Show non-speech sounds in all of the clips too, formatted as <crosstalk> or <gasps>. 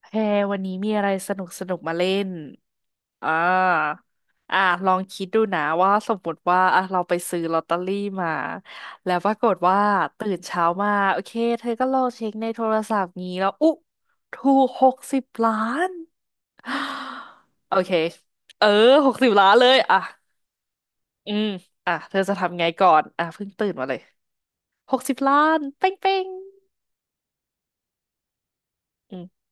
แพรวันนี้มีอะไรสนุกสนุกมาเล่น อ่า อ่าลองคิดดูนะว่าสมมติว่าอ่ะเราไปซื้อลอตเตอรี่มาแล้วปรากฏว่าตื่นเช้ามาโอเคเธอก็ลองเช็คในโทรศัพท์งี้แล้วอุ๊ถูกหกสิบล้านโอเคเออหกสิบล้านเลยอ่ะ อืมอ่ะเธอจะทำไงก่อนอ่ะเพิ่งตื่นมาเลยหกสิบล้านเป้งเป้งอืม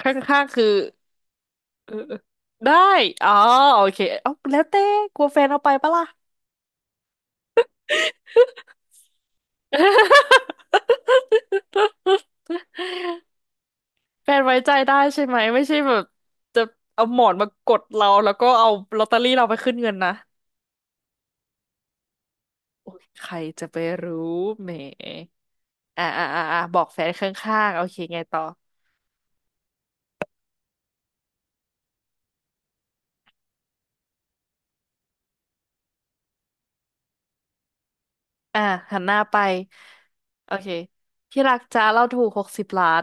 ข้างๆคือ เออเออได้อ๋อโอเคเอาแล้วแต่กลัวแฟนเอาไปปะล่ะ <laughs> แฟนไว้ใจได้ใช่ไหมไม่ใช่แบบจะเอาหมอนมากดเราแล้วก็เอาลอตเตอรี่เราไปขึ้นเงินนะโอ้ยใครจะไปรู้แหมอ่าอ่าอ่าอ่าบอกแฟนข้างๆโอเคไงต่ออ่าหันหน้าไปโอเคที่รักจ้าเราถูกหกสิบล้าน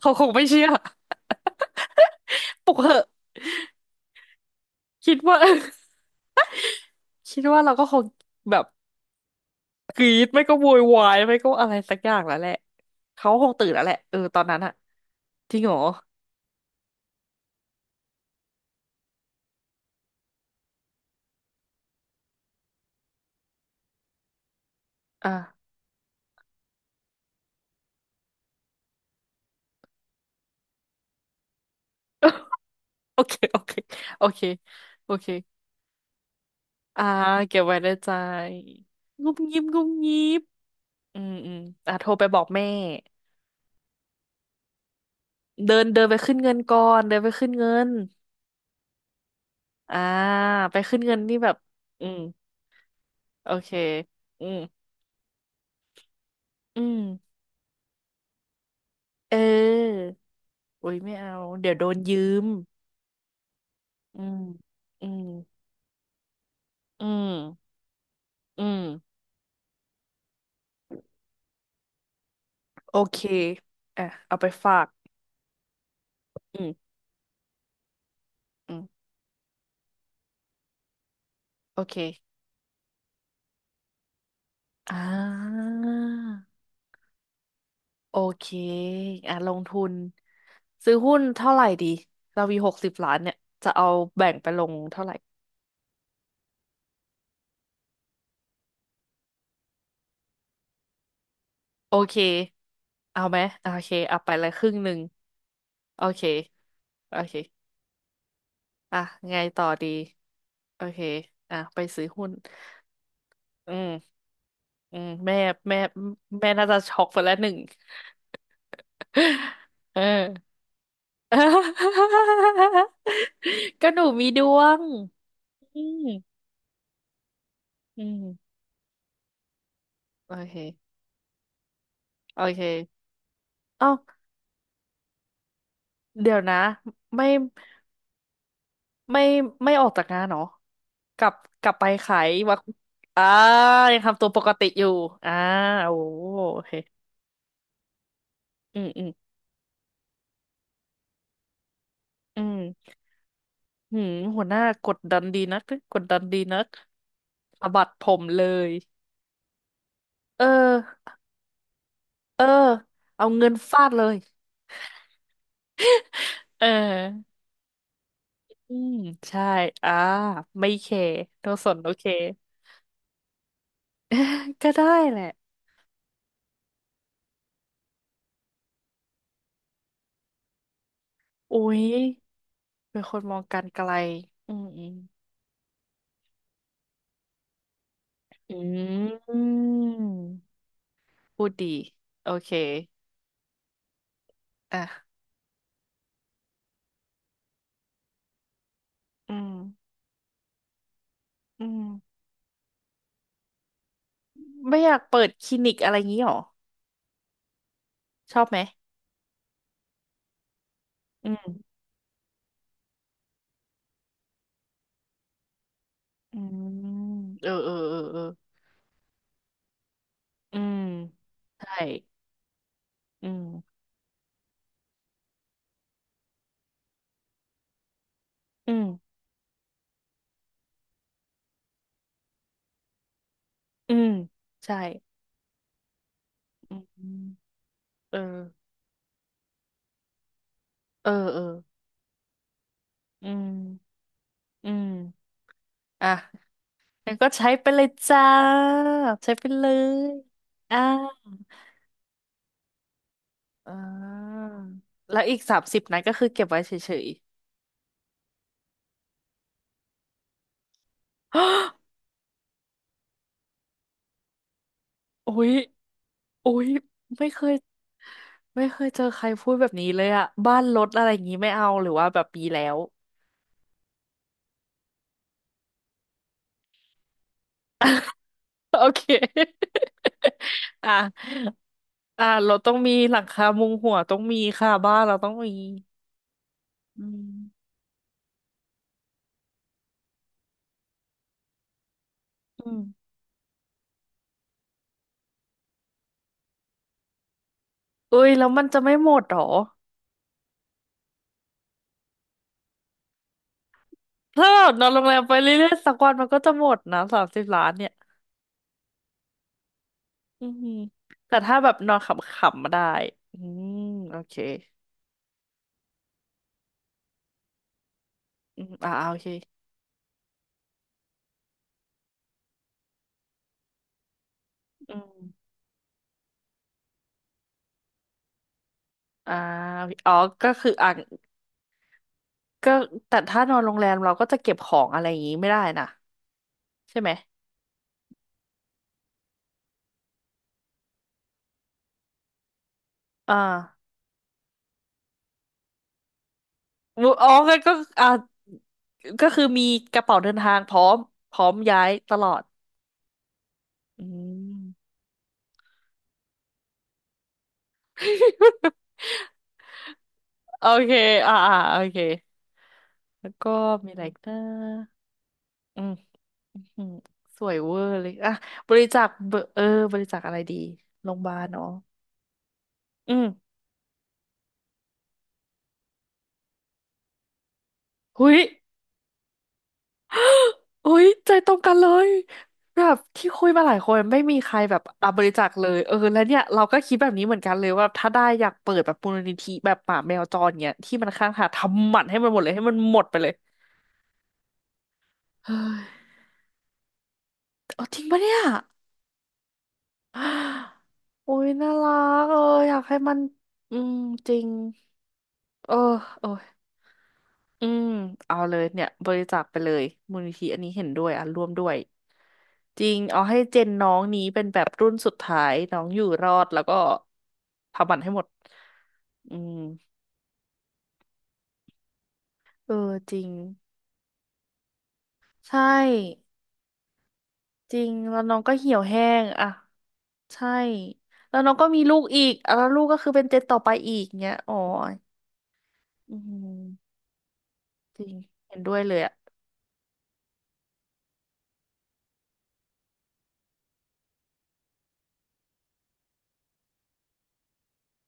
เขาคงไม่เชื่อปลุกเหอะคิดว่า <laughs> คิดว่าเราก็คงแบบ กรีดไม่ก็โวยวายไม่ก็อะไรสักอย่างแล้วแหละเขาคงตื่นแล้วแหละเออตอนนั้นอะจริงเหรออ่ะ <laughs> โอเคโอเคโอเคโอเคอ่าเก็บไว้ในใจงุบงิบงุบงิบอืมอืมอ่ะโทรไปบอกแม่เดินเดินไปขึ้นเงินก่อนเดินไปขึ้นเงินอ่าไปขึ้นเงินนี่แบบอืมโอเคอืมอืมเออโอ้ยไม่เอาเดี๋ยวโดนยืมอืมอืมอืมอืม โอเคอ่ะเอาไปฝากอืมอืมโอเค อ่า โอเคอ่ะลงทุนซื้อหุ้นเท่าไหร่ดี เรามีหกสิบล้านเนี่ยจะเอาแบ่งไปลงเท่าไหร่โอเคเอาไหมโอเคเอาไปเลยครึ่งหนึ่งโอเคโอเคอ่ะไงต่อดีโอเคอ่ะไปซื้อหุ้นอืมอืมแม่แม่แม่น่าจะช็อกไปแล้วหนึ่ง <laughs> เออ <laughs> ก็หนูมีดวงอืมอืมโอเคโอเคเอ้าเดี๋ยวนะไม่ไม่ไม่ออกจากงานเหรอกลับกลับไปขายวักอ่า ยังทำตัวปกติอยู่อ่าโอ้โอเคอืมอืมอืมหืมหัวหน้ากดดันดีนักกดดันดีนักสะบัดผมเลยเออเออเอาเงินฟาดเลยเออ อืมใช่อ่าไม่เคโนสนโอเค <laughs> ก็ได้แหละอุ๊ยเป็นคนมองการไกลอืมอืมอืมพูดดีโอเคอ่ะอืมอืมไม่อยากเปิดคลินิกอะไรงี้หรอชอบไหมอืมอืมเออเออเออเอออืมใช่อืมอืมอืมใช่อืมเออเออเอออืมอืมอ่ะ แล้วก็ใช้ไปเลยจ้าใช้ไปเลยอ่าอ่าแล้วอีกสามสิบนั้นก็คือเก็บไว้เฉยๆ <gasps> โอ้ยโอ้ยไม่เคยไม่เคยเจอใครพูดแบบนี้เลยอะบ้านรถอะไรอย่างงี้ไม่เอาหรือว่าแบบมีแล้ว <laughs> โอเค <laughs> อ่ะอ่ะรถต้องมีหลังคามุงหัวต้องมีค่ะบ้านเราต้องมีอืมอืมอุ้ยแล้วมันจะไม่หมดหรอ ถ้าเรานอนโรงแรมไปเรื่อยๆสักวันมันก็จะหมดนะสามสิบล้านเนี่ยอือหือแต่ถ้าแบบนอนขำๆมาได้อืมโอเคอืมอ่าโอเคอืมอ่าอ๋อก็คืออ่ะก็แต่ถ้านอนโรงแรมเราก็จะเก็บของอะไรอย่างงี้ไม่ได้นะใช่ไหมอ่ามุอ๋อก็ก็อ่าก็คือมีกระเป๋าเดินทางพร้อมพร้อมย้ายตลอดอืม <laughs> โอเคอ่าอ่าโอเคแล้วก็มีอะไรอีกนะอืม อืมสวยเวอร์เลยอ่ะบริจาคเบอร์เออบริจาคอะไรดีโรงพยาบาลเนาะอืมหุยหุยใจตรงกันเลยแบบที่คุยมาหลายคนไม่มีใครแบบอ่ะบริจาคเลยเออแล้วเนี่ยเราก็คิดแบบนี้เหมือนกันเลยว่าถ้าได้อยากเปิดแบบมูลนิธิแบบหมาแมวจรเงี้ยที่มันข้างทางทำหมันให้มันหมดเลยให้มันหมดไปเลยเฮ้ยเอาจริงปะเนี่ยโอ้ <gasps> ยน่ารักเอออยากให้มันอืมจริงเออเออ อืมเอาเลยเนี่ยบริจาคไปเลยมูลนิธิอันนี้เห็นด้วยอ่ะร่วมด้วยจริงเอาให้เจนน้องนี้เป็นแบบรุ่นสุดท้ายน้องอยู่รอดแล้วก็พาบันให้หมดอืมเออจริงใช่จริงแล้วน้องก็เหี่ยวแห้งอ่ะใช่แล้วน้องก็มีลูกอีกอ่ะแล้วลูกก็คือเป็นเจนต่อไปอีกเงี้ยอ๋ออืมจริงเห็นด้วยเลยอ่ะ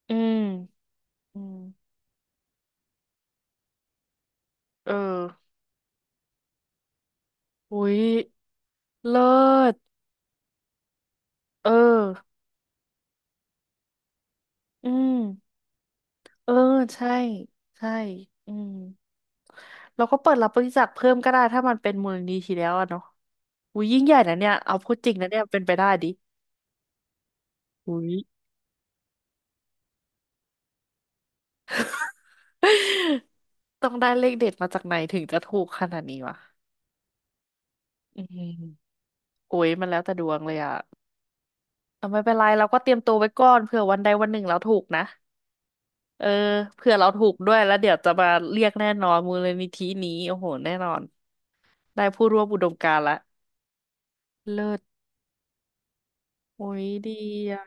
อืมอืมเอออุ้ยเลิศเอออืม เออใช่ใช่อืมเราก็เปิดรับบริจาคเพิ่มก็ได้ถ้ามันเป็นมูลนิธิแล้วอะเนาะอุ้ยยิ่งใหญ่นะเนี่ยเอาพูดจริงนะเนี่ยเป็นไปได้ดิอุ้ย <laughs> ต้องได้เลขเด็ดมาจากไหนถึงจะถูกขนาดนี้วะอืมโอ้ยมันแล้วแต่ดวงเลยอะเอาไม่เป็นไรเราก็เตรียมตัวไว้ก่อนเผื่อวันใดวันหนึ่งเราถูกนะเออเผื่อเราถูกด้วยแล้วเดี๋ยวจะมาเรียกแน่นอนมูลนิธินี้โอ้โหแน่นอนได้ผู้ร่วมอุดมการณ์ละเลิศโอ้ยดีอ่ะ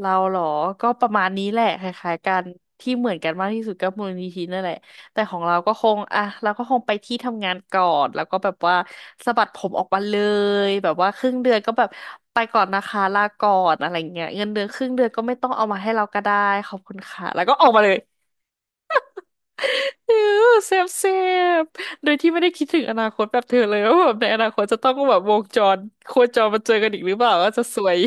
เราเหรอก็ประมาณนี้แหละคล้ายๆกันที่เหมือนกันมากที่สุดก็มูลนิธินั่นแหละ แต่ของเราก็คงอ่ะเราก็คงไปที่ทำงานก่อนแล้วก็แบบว่าสะบัดผมออกมาเลยแบบว่าครึ่งเดือนก็แบบไปก่อนนะคะลาก่อนอะไรเงี้ยเงินเดือนครึ่งเดือนก็ไม่ต้องเอามาให้เราก็ได้ขอบคุณค่ะแล้วก็ออกมาเลยเออเซฟเซฟโดยที่ไม่ได้คิดถึงอนาคตแบบเธอเลยว่าแบบในอนาคตจะต้องแบบวงจรโคจรมาเจอกันอีกหรือเปล่าว่าจะซวย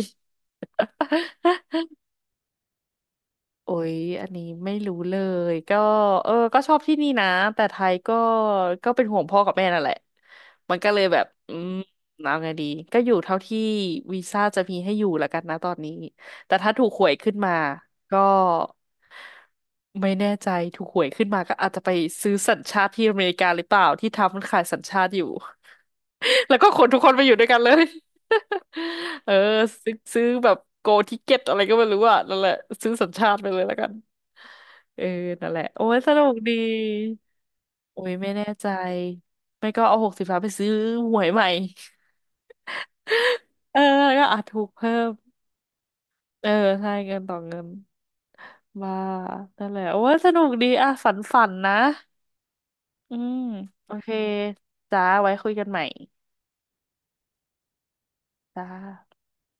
โอ้ย อันนี้ไม่รู้เลย ก็เออก็ชอบที่นี่นะ แต่ไทยก็ก็เป็นห่วงพ่อกับแม่นั่นแหละมันก็เลยแบบอืมเอาไงดีก็อยู่เท่าที่วีซ่าจะมีให้อยู่แล้วกันนะตอนนี้ แต่ถ้าถูกหวยขึ้นมาก็ไม่แน่ใจถูกหวยขึ้นมาก็อาจจะไปซื้อสัญชาติที่อเมริกาหรือเปล่าที่ทำมันขายสัญชาติอยู่ <laughs> แล้วก็ขนทุกคนไปอยู่ด้วยกันเลย <laughs> เออซื้อซื้อแบบโกทิเก็ตอะไรก็ไม่รู้อ่ะนั่นแหละซื้อสัญชาติไปเลยแล้วกัน เออนั่นแหละโอ้ยสนุกดี โอ้ยไม่แน่ใจ ไม่ก็เอาหกสิบล้านไปซื้อหวยใหม่ <laughs> เออแล้วก็อาจถูกเพิ่ม เออใช่เงินต่อเงินว่านั่นแหละโอ้ยสนุกดีอ่ะฝันฝันนะ อืมโอเคจ้าไว้คุยกันใหม่จ้า